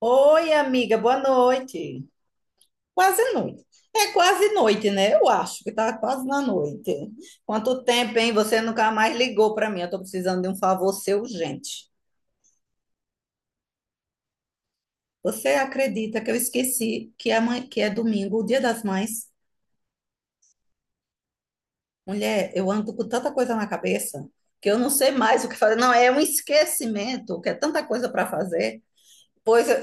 Oi, amiga, boa noite. Quase noite. É quase noite, né? Eu acho que tá quase na noite. Quanto tempo, hein? Você nunca mais ligou para mim. Eu tô precisando de um favor seu urgente. Você acredita que eu esqueci que é, mãe, que é domingo, o Dia das Mães? Mulher, eu ando com tanta coisa na cabeça que eu não sei mais o que fazer. Não, é um esquecimento, que é tanta coisa para fazer. Pois eu,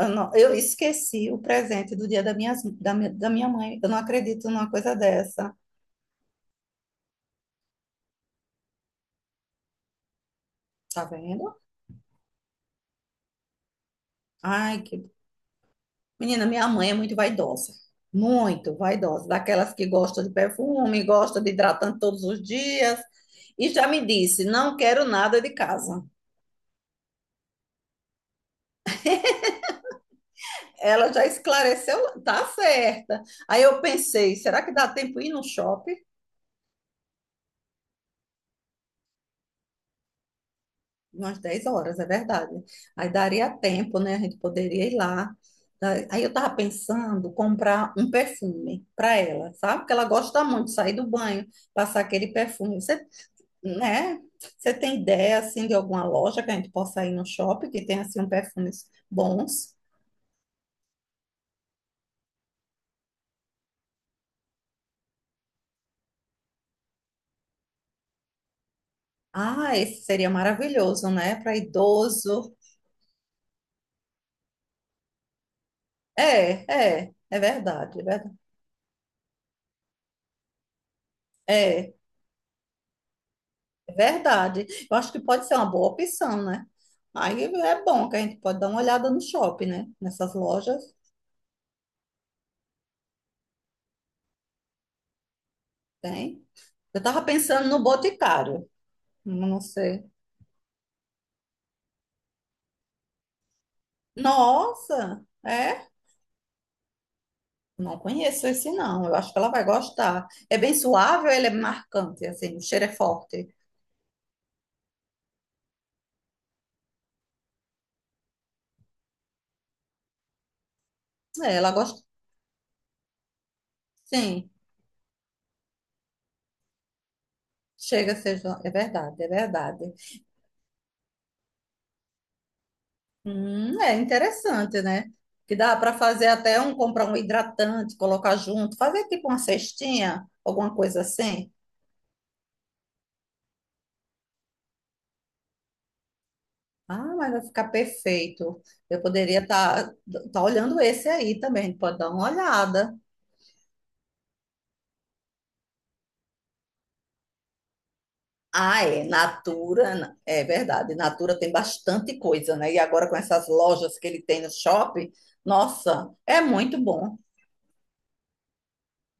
eu esqueci o presente do dia da minha mãe. Eu não acredito numa coisa dessa. Tá vendo? Ai. Menina, minha mãe é muito vaidosa. Muito vaidosa. Daquelas que gosta de perfume, gosta de hidratante todos os dias. E já me disse, não quero nada de casa. Ela já esclareceu, tá certa. Aí eu pensei, será que dá tempo ir no shopping? Umas 10 horas, é verdade. Aí daria tempo, né? A gente poderia ir lá. Aí eu tava pensando comprar um perfume para ela, sabe? Porque ela gosta muito de sair do banho, passar aquele perfume. Você né? Você tem ideia assim de alguma loja que a gente possa ir no shopping que tenha assim um perfumes bons? Ah, esse seria maravilhoso, né? Para idoso. É, é, é verdade, é verdade. É, é verdade. Eu acho que pode ser uma boa opção, né? Aí é bom que a gente pode dar uma olhada no shopping, né? Nessas lojas tem. Eu tava pensando no Boticário, não sei. Nossa, é? Não conheço esse, não. Eu acho que ela vai gostar. É bem suave ou ele é marcante, assim, o cheiro é forte? É, ela gosta, sim. Chega a ser... jo- É verdade, é verdade. É interessante, né? Que dá para fazer até um, comprar um hidratante, colocar junto, fazer tipo uma cestinha, alguma coisa assim. Ah, mas vai ficar perfeito. Eu poderia tá olhando esse aí também, pode dar uma olhada. Ah, é. É verdade. Natura tem bastante coisa, né? E agora com essas lojas que ele tem no shopping, nossa, é muito bom.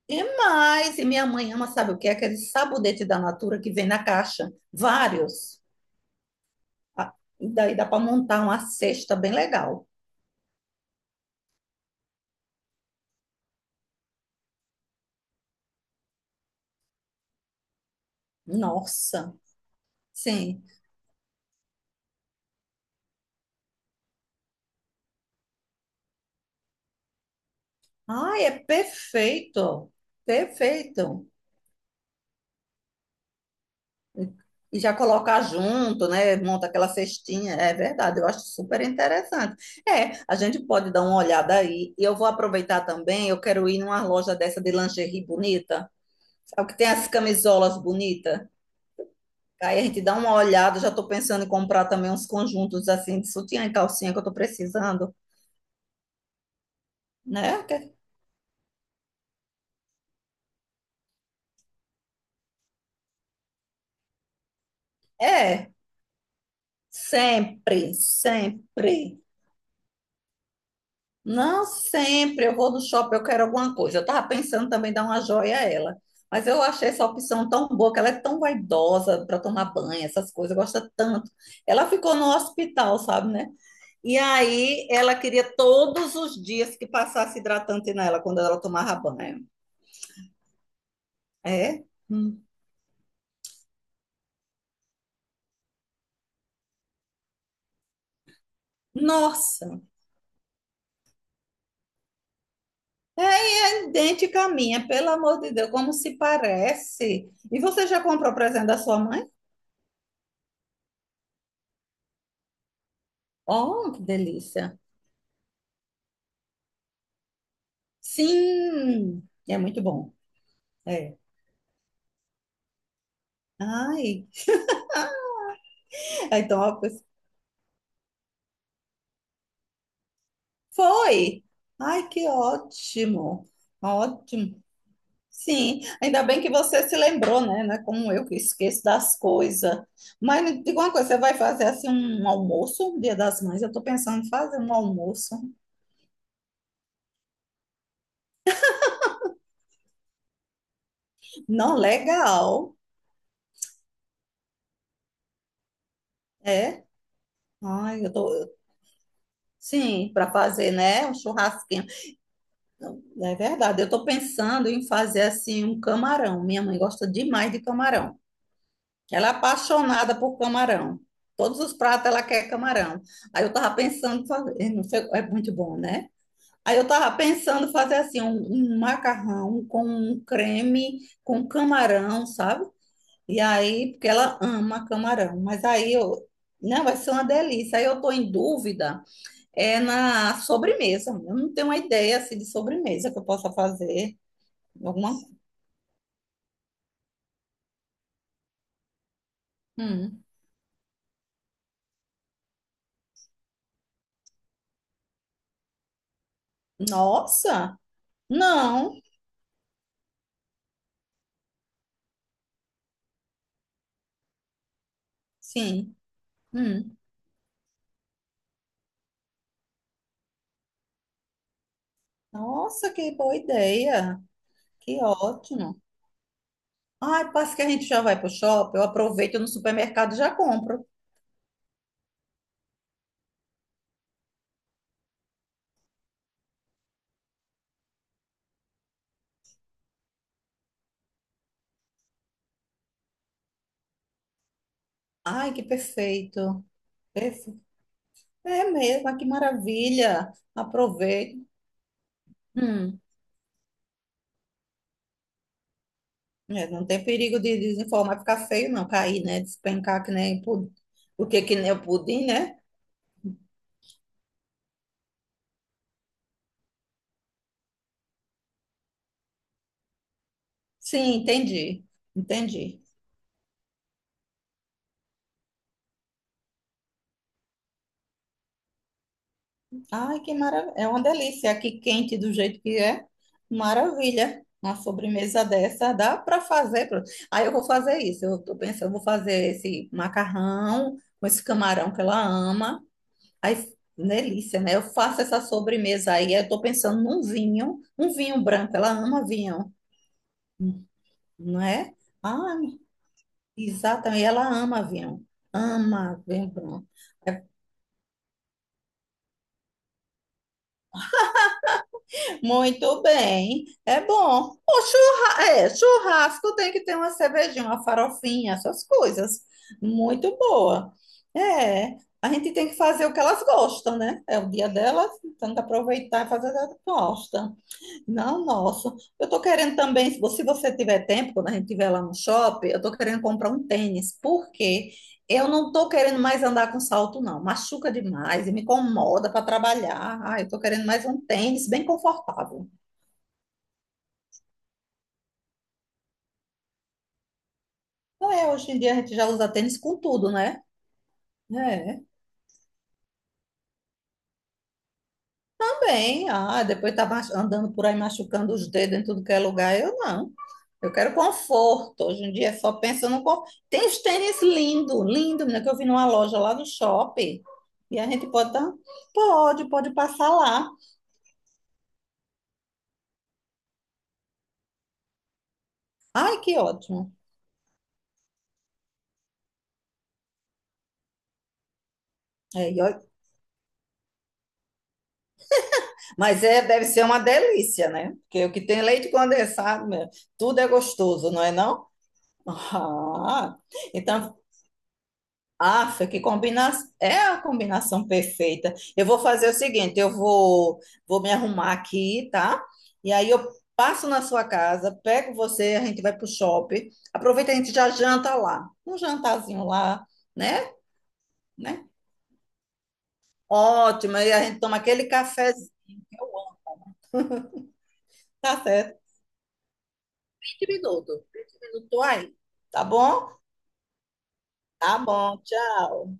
E mais, minha mãe ama, sabe o que? Aquele sabonete da Natura que vem na caixa. Vários. Ah, e daí dá para montar uma cesta bem legal. Nossa, sim. Ai, é perfeito. Perfeito. E já colocar junto, né? Monta aquela cestinha. É verdade, eu acho super interessante. É, a gente pode dar uma olhada aí. E eu vou aproveitar também, eu quero ir numa loja dessa de lingerie bonita. Sabe que tem as camisolas bonitas? Aí a gente dá uma olhada, já estou pensando em comprar também uns conjuntos assim de sutiã e calcinha que eu estou precisando, né? É, sempre, sempre. Não sempre eu vou no shopping, eu quero alguma coisa. Eu estava pensando também em dar uma joia a ela. Mas eu achei essa opção tão boa, que ela é tão vaidosa para tomar banho, essas coisas, gosta tanto. Ela ficou no hospital, sabe, né? E aí ela queria todos os dias que passasse hidratante nela quando ela tomava banho. É? Hum. Nossa, é idêntica à minha, pelo amor de Deus, como se parece. E você já comprou o presente da sua mãe? Oh, que delícia. Sim, é muito bom. É. Ai, então foi. Ai, que ótimo. Ótimo. Sim, ainda bem que você se lembrou, né? Não é como eu que esqueço das coisas. Mas me diga uma coisa, você vai fazer assim um almoço, um Dia das Mães? Eu tô pensando em fazer um almoço. Não, legal. É. Ai, eu tô. Sim, para fazer, né? Um churrasquinho. É verdade, eu estou pensando em fazer assim um camarão. Minha mãe gosta demais de camarão. Ela é apaixonada por camarão. Todos os pratos ela quer camarão. Aí eu tava pensando em fazer, não sei, é muito bom, né? Aí eu tava pensando em fazer assim um, macarrão com um creme com camarão, sabe? E aí, porque ela ama camarão, mas aí eu não, vai ser uma delícia. Aí eu estou em dúvida, é na sobremesa. Eu não tenho uma ideia assim, de sobremesa que eu possa fazer. Alguma? Hum. Nossa! Não! Sim. Hum. Nossa, que boa ideia! Que ótimo! Ai, parece que a gente já vai pro shopping, eu aproveito no supermercado e já compro. Ai, que perfeito! Perfe- É mesmo, ah, que maravilha! Aproveito. Hum. É, não tem perigo de desinformar, ficar feio, não, cair, né? Despencar que nem pudim. O que que nem o pudim, né? Sim, entendi. Entendi. Ai, que maravilha. É uma delícia. É aqui quente do jeito que é. Maravilha. Uma sobremesa dessa dá para fazer. Aí eu vou fazer isso. Eu tô pensando, eu vou fazer esse macarrão com esse camarão que ela ama. Aí, delícia, né? Eu faço essa sobremesa aí. Eu tô pensando num vinho, um vinho branco. Ela ama vinho, não é? Ah, exatamente. Ela ama vinho. Ama vinho branco. Muito bem, é bom. Churrasco tem que ter uma cervejinha, uma farofinha, essas coisas. Muito boa. É, a gente tem que fazer o que elas gostam, né? É o dia delas, então tem que aproveitar e fazer o que elas gostam. Não, nossa. Eu tô querendo também, se você tiver tempo, quando a gente estiver lá no shopping, eu tô querendo comprar um tênis, porque eu não tô querendo mais andar com salto, não. Machuca demais e me incomoda para trabalhar. Ai, eu tô querendo mais um tênis bem confortável. Não é, hoje em dia a gente já usa tênis com tudo, né? É. Também, ah, depois tá andando por aí machucando os dedos em tudo que é lugar, eu não. Eu quero conforto. Hoje em dia é só pensa no conforto. Tem os tênis lindo, lindo, menina, que eu vi numa loja lá no shopping. E a gente pode dar? Pode, pode passar lá. Ai, que ótimo. É, mas é, deve ser uma delícia, né? Porque o que tem leite condensado, meu, tudo é gostoso, não é não? Ah, então. Ah, que combina... É a combinação perfeita. Eu vou fazer o seguinte, eu vou me arrumar aqui, tá? E aí eu passo na sua casa, pego você, a gente vai pro shopping. Aproveita, a gente já janta lá. Um jantarzinho lá, né? Né? Ótimo. E a gente toma aquele cafezinho que eu amo. Tá certo. 20 minutos. 20 minutos, tô aí. Tá bom? Tá bom. Tchau.